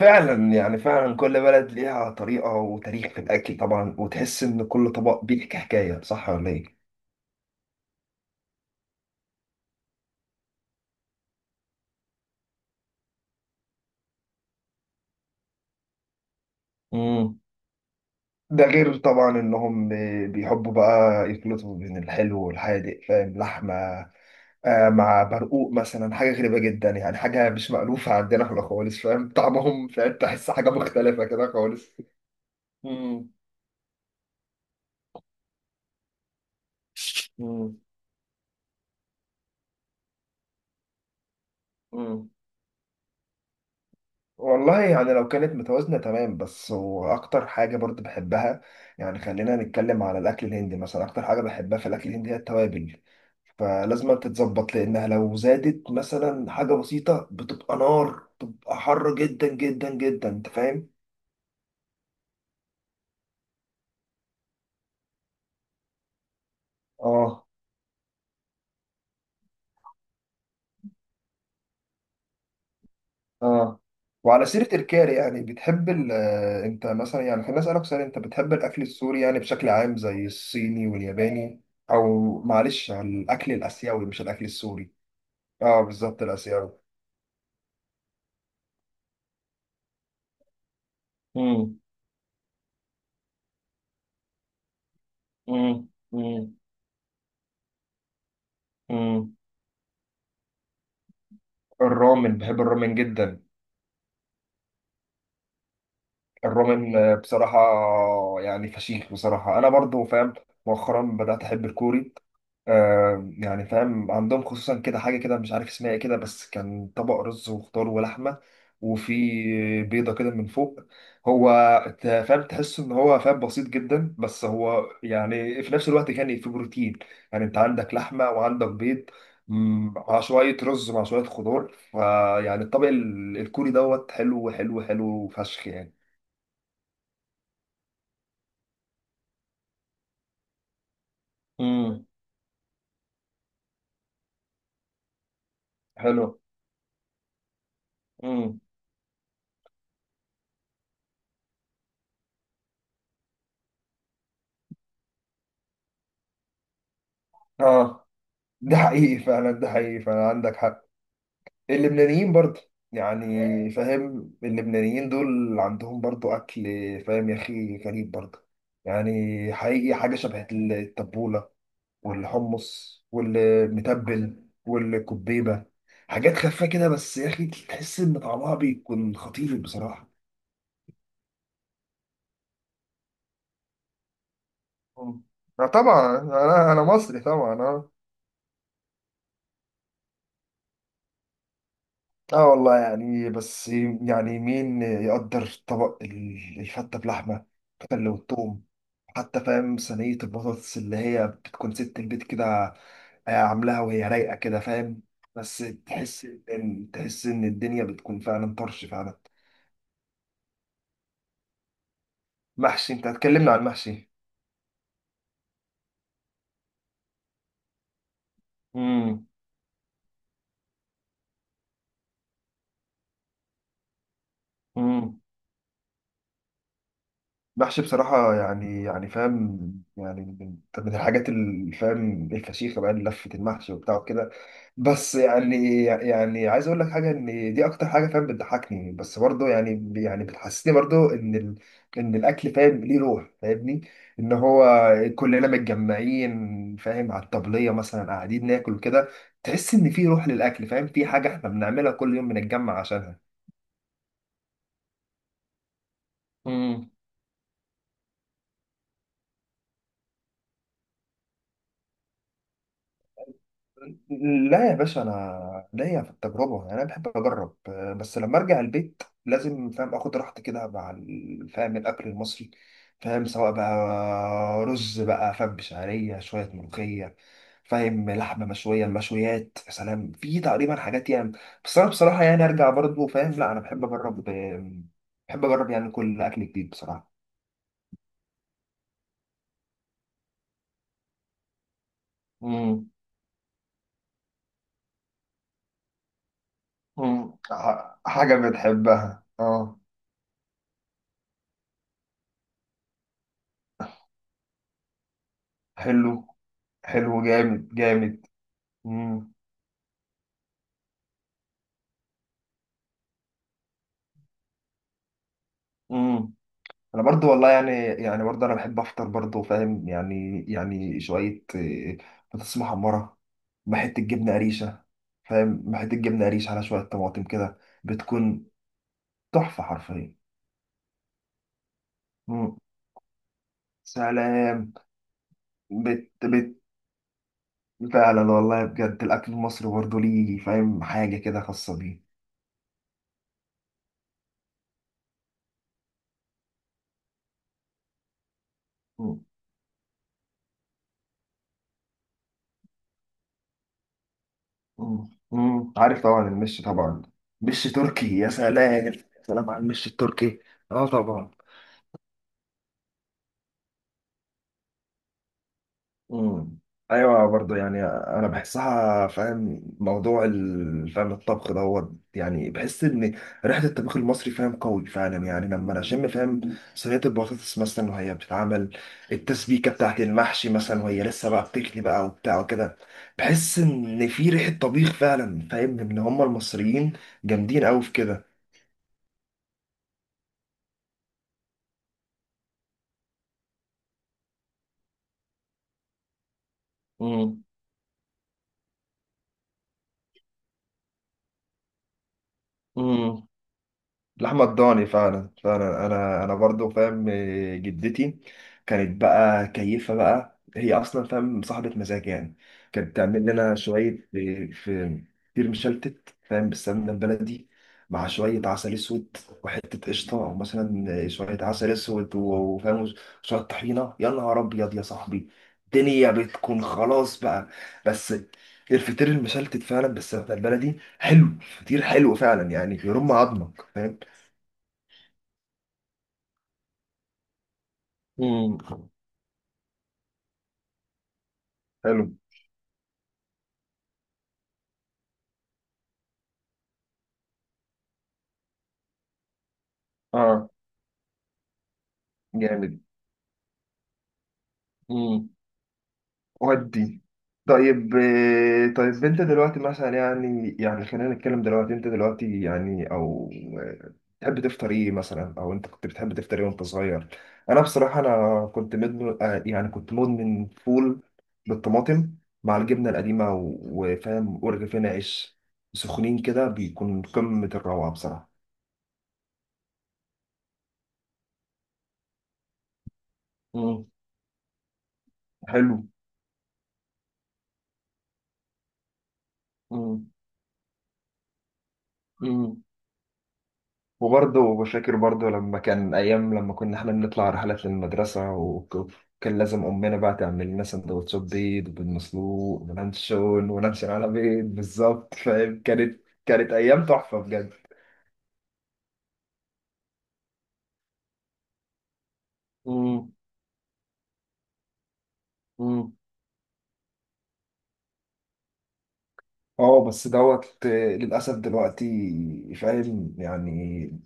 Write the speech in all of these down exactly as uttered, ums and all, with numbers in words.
فعلا، يعني فعلا كل بلد ليها طريقة وتاريخ في الأكل، طبعا، وتحس إن كل طبق بيحكي حكاية، صح ولا إيه؟ مم. ده غير طبعا إنهم بيحبوا بقى يخلطوا بين الحلو والحادق، فاهم؟ لحمة آه مع برقوق مثلا، حاجة غريبة جدا، يعني حاجة مش مألوفة عندنا احنا خالص، فاهم طعمهم؟ فاهم؟ تحس حاجة مختلفة كده خالص. مم. مم. مم. والله يعني لو كانت متوازنة تمام بس، وأكتر حاجة برضو بحبها، يعني خلينا نتكلم على الأكل الهندي مثلا. أكتر حاجة بحبها في الأكل الهندي هي التوابل، فلازم تتظبط، لأنها لو زادت مثلا حاجة بسيطة بتبقى نار، بتبقى حر جدا جدا جدا، أنت فاهم؟ آه. آه. وعلى سيرة الكاري، يعني بتحب ال آه، أنت مثلا، يعني خليني أسألك سؤال، أنت بتحب الأكل السوري يعني بشكل عام، زي الصيني والياباني؟ أو معلش، على الأكل الآسيوي مش الأكل السوري. اه بالظبط، الاسيوي. مم. مم. مم. مم. الرامن، بحب الرامن جدا. الرومن بصراحة، يعني فشيخ بصراحة، أنا برضو فاهم. مؤخرا بدأت أحب الكوري، آه يعني فاهم، عندهم خصوصا كده حاجة كده، مش عارف اسمها ايه كده، بس كان طبق رز وخضار ولحمة، وفي بيضة كده من فوق. هو ت- فاهم، تحس إن هو فاهم بسيط جدا، بس هو يعني في نفس الوقت كان في بروتين، يعني أنت عندك لحمة وعندك بيض. مم، مع شوية رز مع شوية خضار، فيعني الطبق ال- الكوري دوت حلو حلو حلو فشخ يعني. امم. حلو. امم. اه ده حقيقي فعلا، ده حقيقي فعلا، عندك حق. اللبنانيين برضه، يعني فاهم، اللبنانيين دول عندهم برضه اكل، فاهم يا اخي، غريب برضه، يعني حقيقي، حاجه شبه التبوله والحمص والمتبل والكبيبه، حاجات خفيفه كده، بس يا اخي تحس ان طعمها بيكون خطير بصراحه. مم. آه طبعا، انا انا مصري طبعا، اه. اه والله يعني بس، يعني مين يقدر طبق ال- الفتة بلحمة اللي والثوم، حتى فاهم صينية البطاطس اللي هي بتكون ست البيت كده، آه، عاملاها وهي رايقة كده، فاهم. بس تحس ان، تحس ان الدنيا بتكون فعلا طرش فعلا. محشي! انت هتكلمنا عن محشي! امم. محشي بصراحة، يعني يعني فاهم، يعني من من الحاجات اللي فاهم الفشيخة بقى، لفة المحشي وبتاع كده. بس يعني يعني عايز أقول لك حاجة، إن دي أكتر حاجة فاهم بتضحكني، بس برضه يعني يعني بتحسسني برضه إن ال... إن الأكل فاهم ليه روح، فاهمني. إن هو كلنا متجمعين، فاهم، على الطبلية مثلا قاعدين ناكل كده. تحس إن في روح للأكل، فاهم، في حاجة إحنا بنعملها كل يوم بنتجمع عشانها. لا يا باشا، انا ليا في التجربه، يعني انا بحب اجرب، آه، بس لما ارجع البيت لازم فاهم اخد راحتي كده مع ال- فاهم الاكل المصري. فاهم، سواء بقى رز بقى فاهم بشعريه، شويه ملوخيه، فاهم لحمه مشويه، المشويات يا سلام، في تقريبا حاجات يعني. بس انا بصراحه يعني ارجع برضه، فاهم، لا انا بحب اجرب، آه، بحب اجرب يعني كل اكل جديد بصراحه. امم. امم. ح- حاجه بتحبها، اه. حلو. حلو، جامد جامد. امم. امم. انا برضو والله يعني، يعني برضو انا بحب افطر برضو فاهم، يعني يعني شويه إيه، بطاطس محمره، مع حته جبنه قريشه، فاهم، مع حته جبنه قريش على شويه طماطم كده، بتكون تحفه حرفيا. امم. سلام. بت بت فعلا والله بجد، الاكل المصري برضو ليه فاهم حاجه كده خاصه بيه. مم. مم. مم. عارف طبعا، المش طبعا. مش تركي! يا سلام! سلام على المش التركي. اه طبعا. امم. ايوه برضه يعني، انا بحسها فاهم، موضوع ال- فاهم الطبخ دوت، يعني بحس ان ريحه الطبخ المصري فاهم قوي فعلا. يعني لما انا اشم فاهم صينيه البطاطس مثلا وهي بتتعمل، التسبيكه بتاعت المحشي مثلا وهي لسه بقى بتغلي بقى وبتاع وكده، بحس ان في ريحه طبيخ فعلا، فاهم ان هم المصريين جامدين قوي في كده. امم. لحمة الضاني فعلا فعلا، انا انا برضو فاهم، آه، جدتي كانت بقى كيفة بقى، هي اصلا فاهم صاحبة مزاج يعني. كانت تعمل لنا شوية آه، في كتير مشلتت فاهم بالسمنة البلدي، مع شوية عسل اسود وحتة قشطة، او مثلا آه، شوية عسل اسود و- وفاهم شوية طحينة، يا نهار ابيض يا صاحبي! الدنيا بتكون خلاص بقى. بس الفطير المشلتت فعلا بالسمنة البلدي حلو، فطير حلو فعلا، يعني يرم عظمك، فاهم. امم. حلو. اه جامد. امم. ودي. طيب، آه، طيب انت دلوقتي مثلا يعني، يعني خلينا نتكلم دلوقتي، انت دلوقتي يعني، او آه، تحب تفطر ايه مثلا، او انت كنت بتحب تفطر ايه وانت صغير؟ انا بصراحة، انا كنت مدمن، آه، يعني كنت مدمن فول بالطماطم، مع الجبنة القديمة و- وفاهم ورغيفين عيش سخنين كده، بيكون قمة الروعة بصراحة. امم. حلو. امم. وبرضه بشاكر برضه، لما كان أيام لما كنا إحنا بنطلع رحلات للمدرسة، وكان لازم أمنا بقى تعمل لنا سندوتشات بيض بالمسلوق ولانشون، ولانشون على بيض بالظبط فاهم، كانت كانت أيام تحفة بجد. امم. امم. اه بس دوت، آه، للأسف دلوقتي فاهم يعني،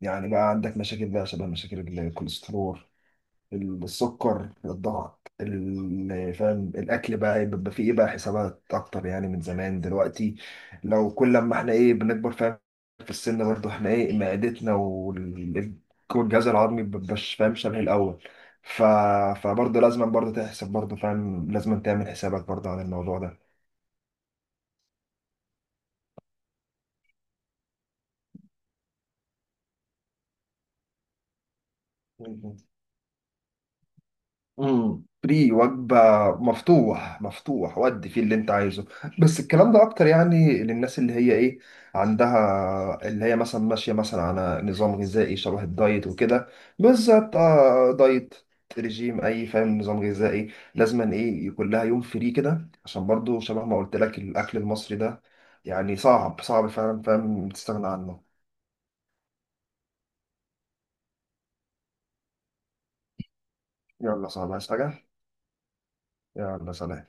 يعني بقى عندك مشاكل بقى، شبه مشاكل الكوليسترول، السكر، الضغط، ال- فاهم الاكل بقى إيه، بيبقى فيه ايه بقى، حسابات اكتر يعني من زمان دلوقتي. لو كل لما احنا ايه بنكبر فاهم، في السن برضه، احنا ايه معدتنا وال- والجهاز الهضمي مبيبقاش فاهم شبه الاول. ف... فبرضه لازم برضه تحسب برضه، فاهم لازم تعمل حسابك برضه على الموضوع ده. امم، فري وجبة، مفتوح مفتوح، ودي فيه اللي انت عايزه. بس الكلام ده اكتر يعني للناس اللي هي ايه عندها، اللي هي مثلا ماشية مثلا على نظام غذائي شبه الدايت وكده، بالذات آه، دايت، رجيم، اي فاهم نظام غذائي، لازما ايه يكون لها يوم فري كده، عشان برضو شبه ما قلت لك، الاكل المصري ده يعني صعب، صعب فعلا فاهم تستغنى عنه. يلا صعب، عايز حاجة. يلا سلام.